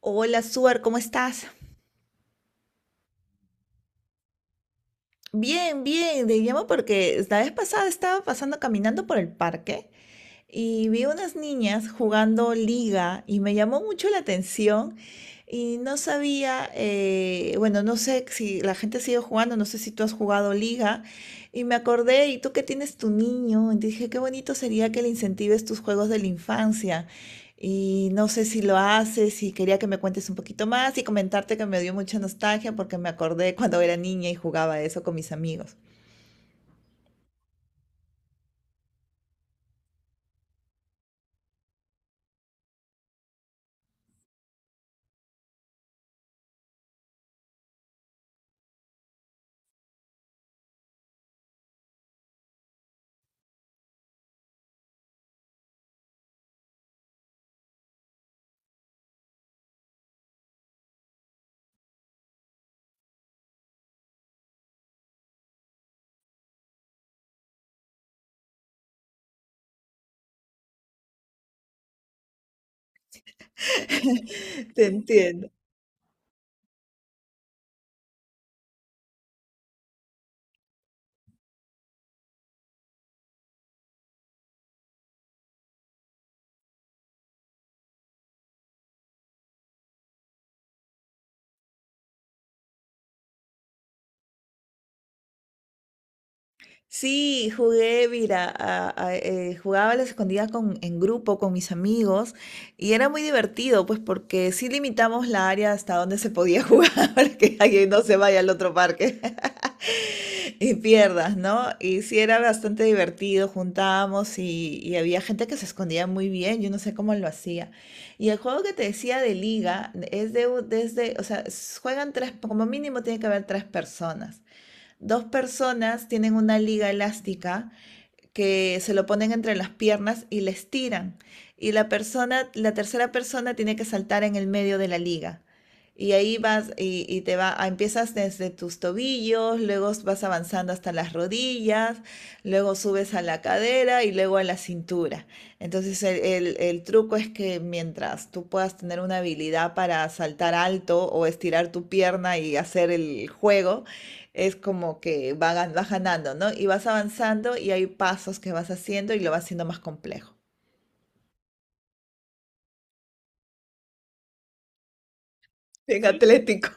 Hola, Suar, ¿cómo estás? Bien, bien, te llamo porque la vez pasada estaba pasando caminando por el parque y vi unas niñas jugando liga y me llamó mucho la atención y no sabía, bueno, no sé si la gente sigue jugando, no sé si tú has jugado liga y me acordé, ¿y tú que tienes tu niño? Y dije, qué bonito sería que le incentives tus juegos de la infancia. Y no sé si lo haces y quería que me cuentes un poquito más y comentarte que me dio mucha nostalgia porque me acordé cuando era niña y jugaba eso con mis amigos. Te entiendo. Sí, jugué, mira, jugaba a las escondidas en grupo con mis amigos y era muy divertido, pues porque sí limitamos la área hasta donde se podía jugar para que alguien no se vaya al otro parque y pierdas, ¿no? Y sí era bastante divertido, juntábamos y había gente que se escondía muy bien, yo no sé cómo lo hacía. Y el juego que te decía de liga es desde, o sea, juegan tres, como mínimo tiene que haber tres personas. Dos personas tienen una liga elástica que se lo ponen entre las piernas y la estiran. Y la persona, la tercera persona tiene que saltar en el medio de la liga. Y ahí vas y empiezas desde tus tobillos, luego vas avanzando hasta las rodillas, luego subes a la cadera y luego a la cintura. Entonces el truco es que mientras tú puedas tener una habilidad para saltar alto o estirar tu pierna y hacer el juego, es como que vas ganando, ¿no? Y vas avanzando y hay pasos que vas haciendo y lo vas haciendo más complejo. Bien. Sí, atlético.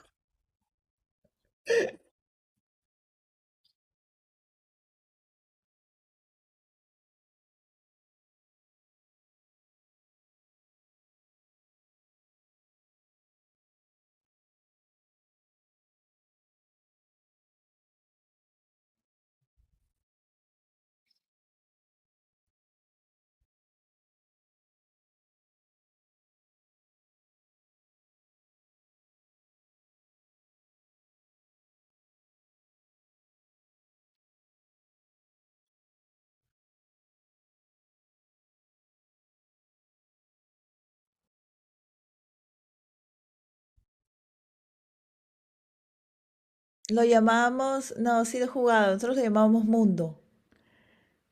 No, sí lo he jugado, nosotros lo llamábamos mundo,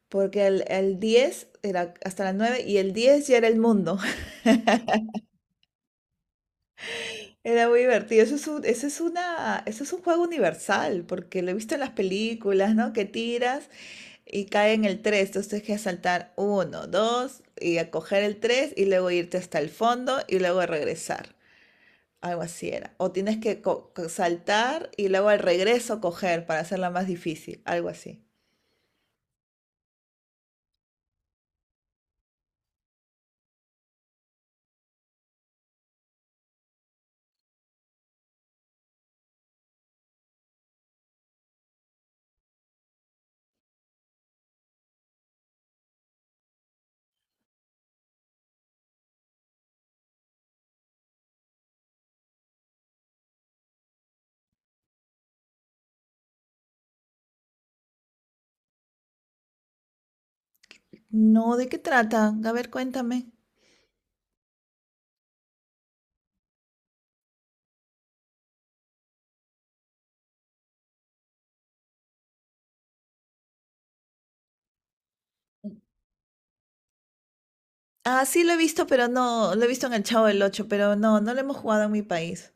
porque el 10 era hasta las 9 y el 10 ya era el mundo. Era muy divertido. Eso es un juego universal, porque lo he visto en las películas, ¿no? Que tiras y cae en el 3, entonces tienes que saltar uno, 2 y a coger el 3 y luego irte hasta el fondo y luego regresar. Algo así era. O tienes que saltar y luego al regreso coger para hacerla más difícil. Algo así. No, ¿de qué trata? A ver, cuéntame. Ah, sí lo he visto, pero no, lo he visto en el Chavo del ocho, pero no, no lo hemos jugado en mi país.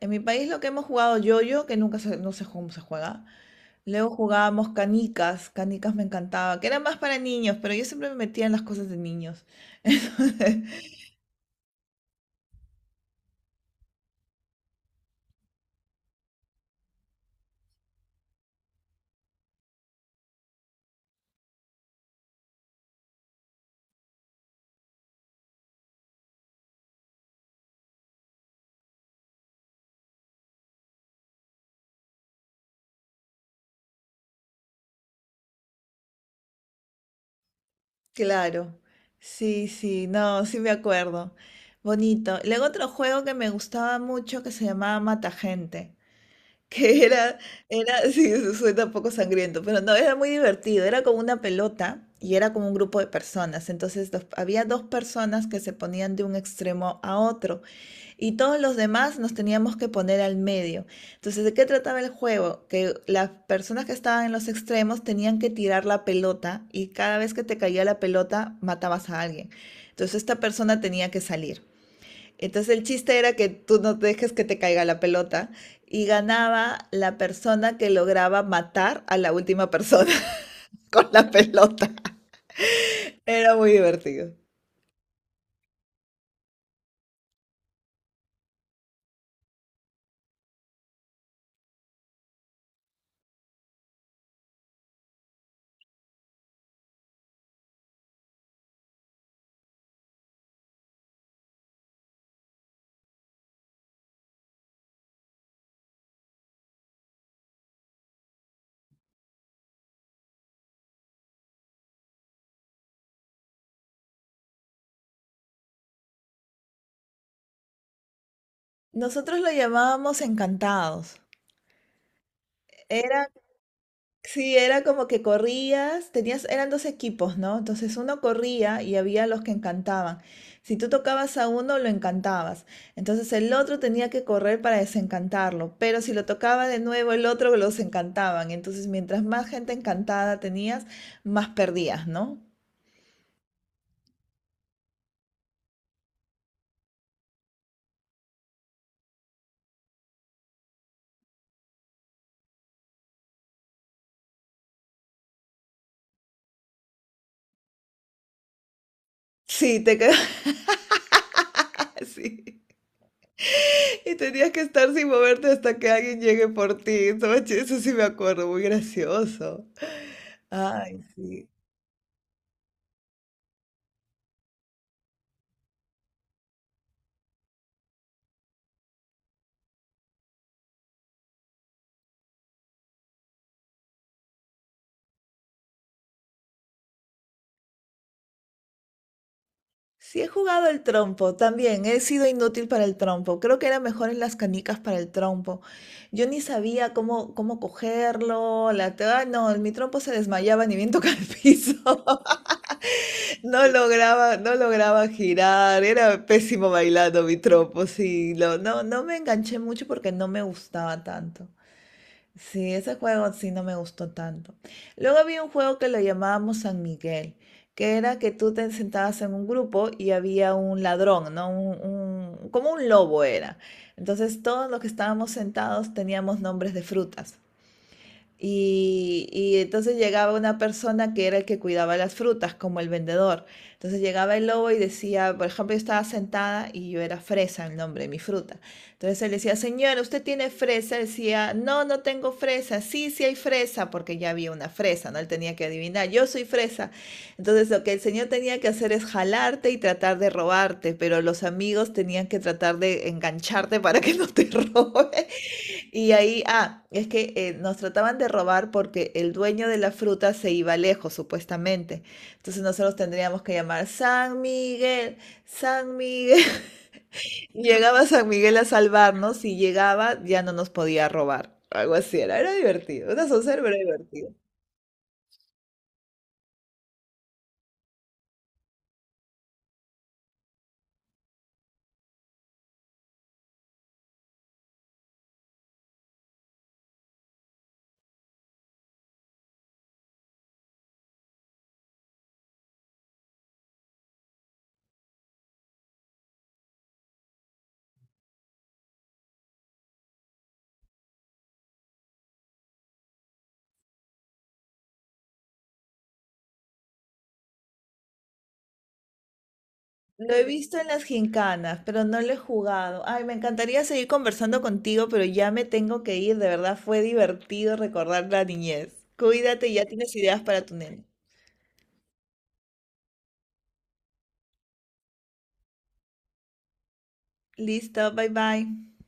En mi país lo que hemos jugado yo-yo, que nunca se, no sé cómo se juega. Luego jugábamos canicas, canicas me encantaba, que era más para niños, pero yo siempre me metía en las cosas de niños. Entonces, claro, sí, sí, no, sí me acuerdo. Bonito. Luego otro juego que me gustaba mucho que se llamaba Mata Gente, que era, era, sí, eso suena un poco sangriento, pero no, era muy divertido. Era como una pelota y era como un grupo de personas. Entonces había dos personas que se ponían de un extremo a otro. Y todos los demás nos teníamos que poner al medio. Entonces, ¿de qué trataba el juego? Que las personas que estaban en los extremos tenían que tirar la pelota y cada vez que te caía la pelota matabas a alguien. Entonces, esta persona tenía que salir. Entonces, el chiste era que tú no dejes que te caiga la pelota y ganaba la persona que lograba matar a la última persona con la pelota. Era muy divertido. Nosotros lo llamábamos encantados. Era Sí, era como que corrías, tenías, eran dos equipos, ¿no? Entonces uno corría y había los que encantaban. Si tú tocabas a uno, lo encantabas. Entonces el otro tenía que correr para desencantarlo. Pero si lo tocaba de nuevo, el otro los encantaban. Entonces mientras más gente encantada tenías, más perdías, ¿no? Sí, te quedabas así. Y tenías que estar sin moverte hasta que alguien llegue por ti. Eso sí me acuerdo, muy gracioso. Ay, sí. Sí he jugado el trompo, también he sido inútil para el trompo. Creo que era mejor en las canicas para el trompo. Yo ni sabía cómo, cómo cogerlo, ay, no, mi trompo se desmayaba ni bien tocaba el piso. No lograba girar, era pésimo bailando mi trompo, sí. No, no me enganché mucho porque no me gustaba tanto. Sí, ese juego sí no me gustó tanto. Luego había un juego que lo llamábamos San Miguel, que era que tú te sentabas en un grupo y había un ladrón, ¿no? Como un lobo era. Entonces todos los que estábamos sentados teníamos nombres de frutas. Y entonces llegaba una persona que era el que cuidaba las frutas, como el vendedor. Entonces llegaba el lobo y decía, por ejemplo, yo estaba sentada y yo era fresa, el nombre de mi fruta. Entonces él decía, señora, ¿usted tiene fresa? Decía, no, no tengo fresa. Sí, sí hay fresa, porque ya había una fresa, ¿no? Él tenía que adivinar, yo soy fresa. Entonces lo que el señor tenía que hacer es jalarte y tratar de robarte, pero los amigos tenían que tratar de engancharte para que no te roben. Y ahí, es que nos trataban de robar porque el dueño de la fruta se iba lejos, supuestamente. Entonces nosotros tendríamos que llamar San Miguel, San Miguel. Llegaba San Miguel a salvarnos y llegaba, ya no nos podía robar. Algo así era, era divertido, una soncera, pero divertido. Lo he visto en las gincanas, pero no lo he jugado. Ay, me encantaría seguir conversando contigo, pero ya me tengo que ir. De verdad, fue divertido recordar la niñez. Cuídate, ya tienes ideas para tu nene. Listo, bye bye.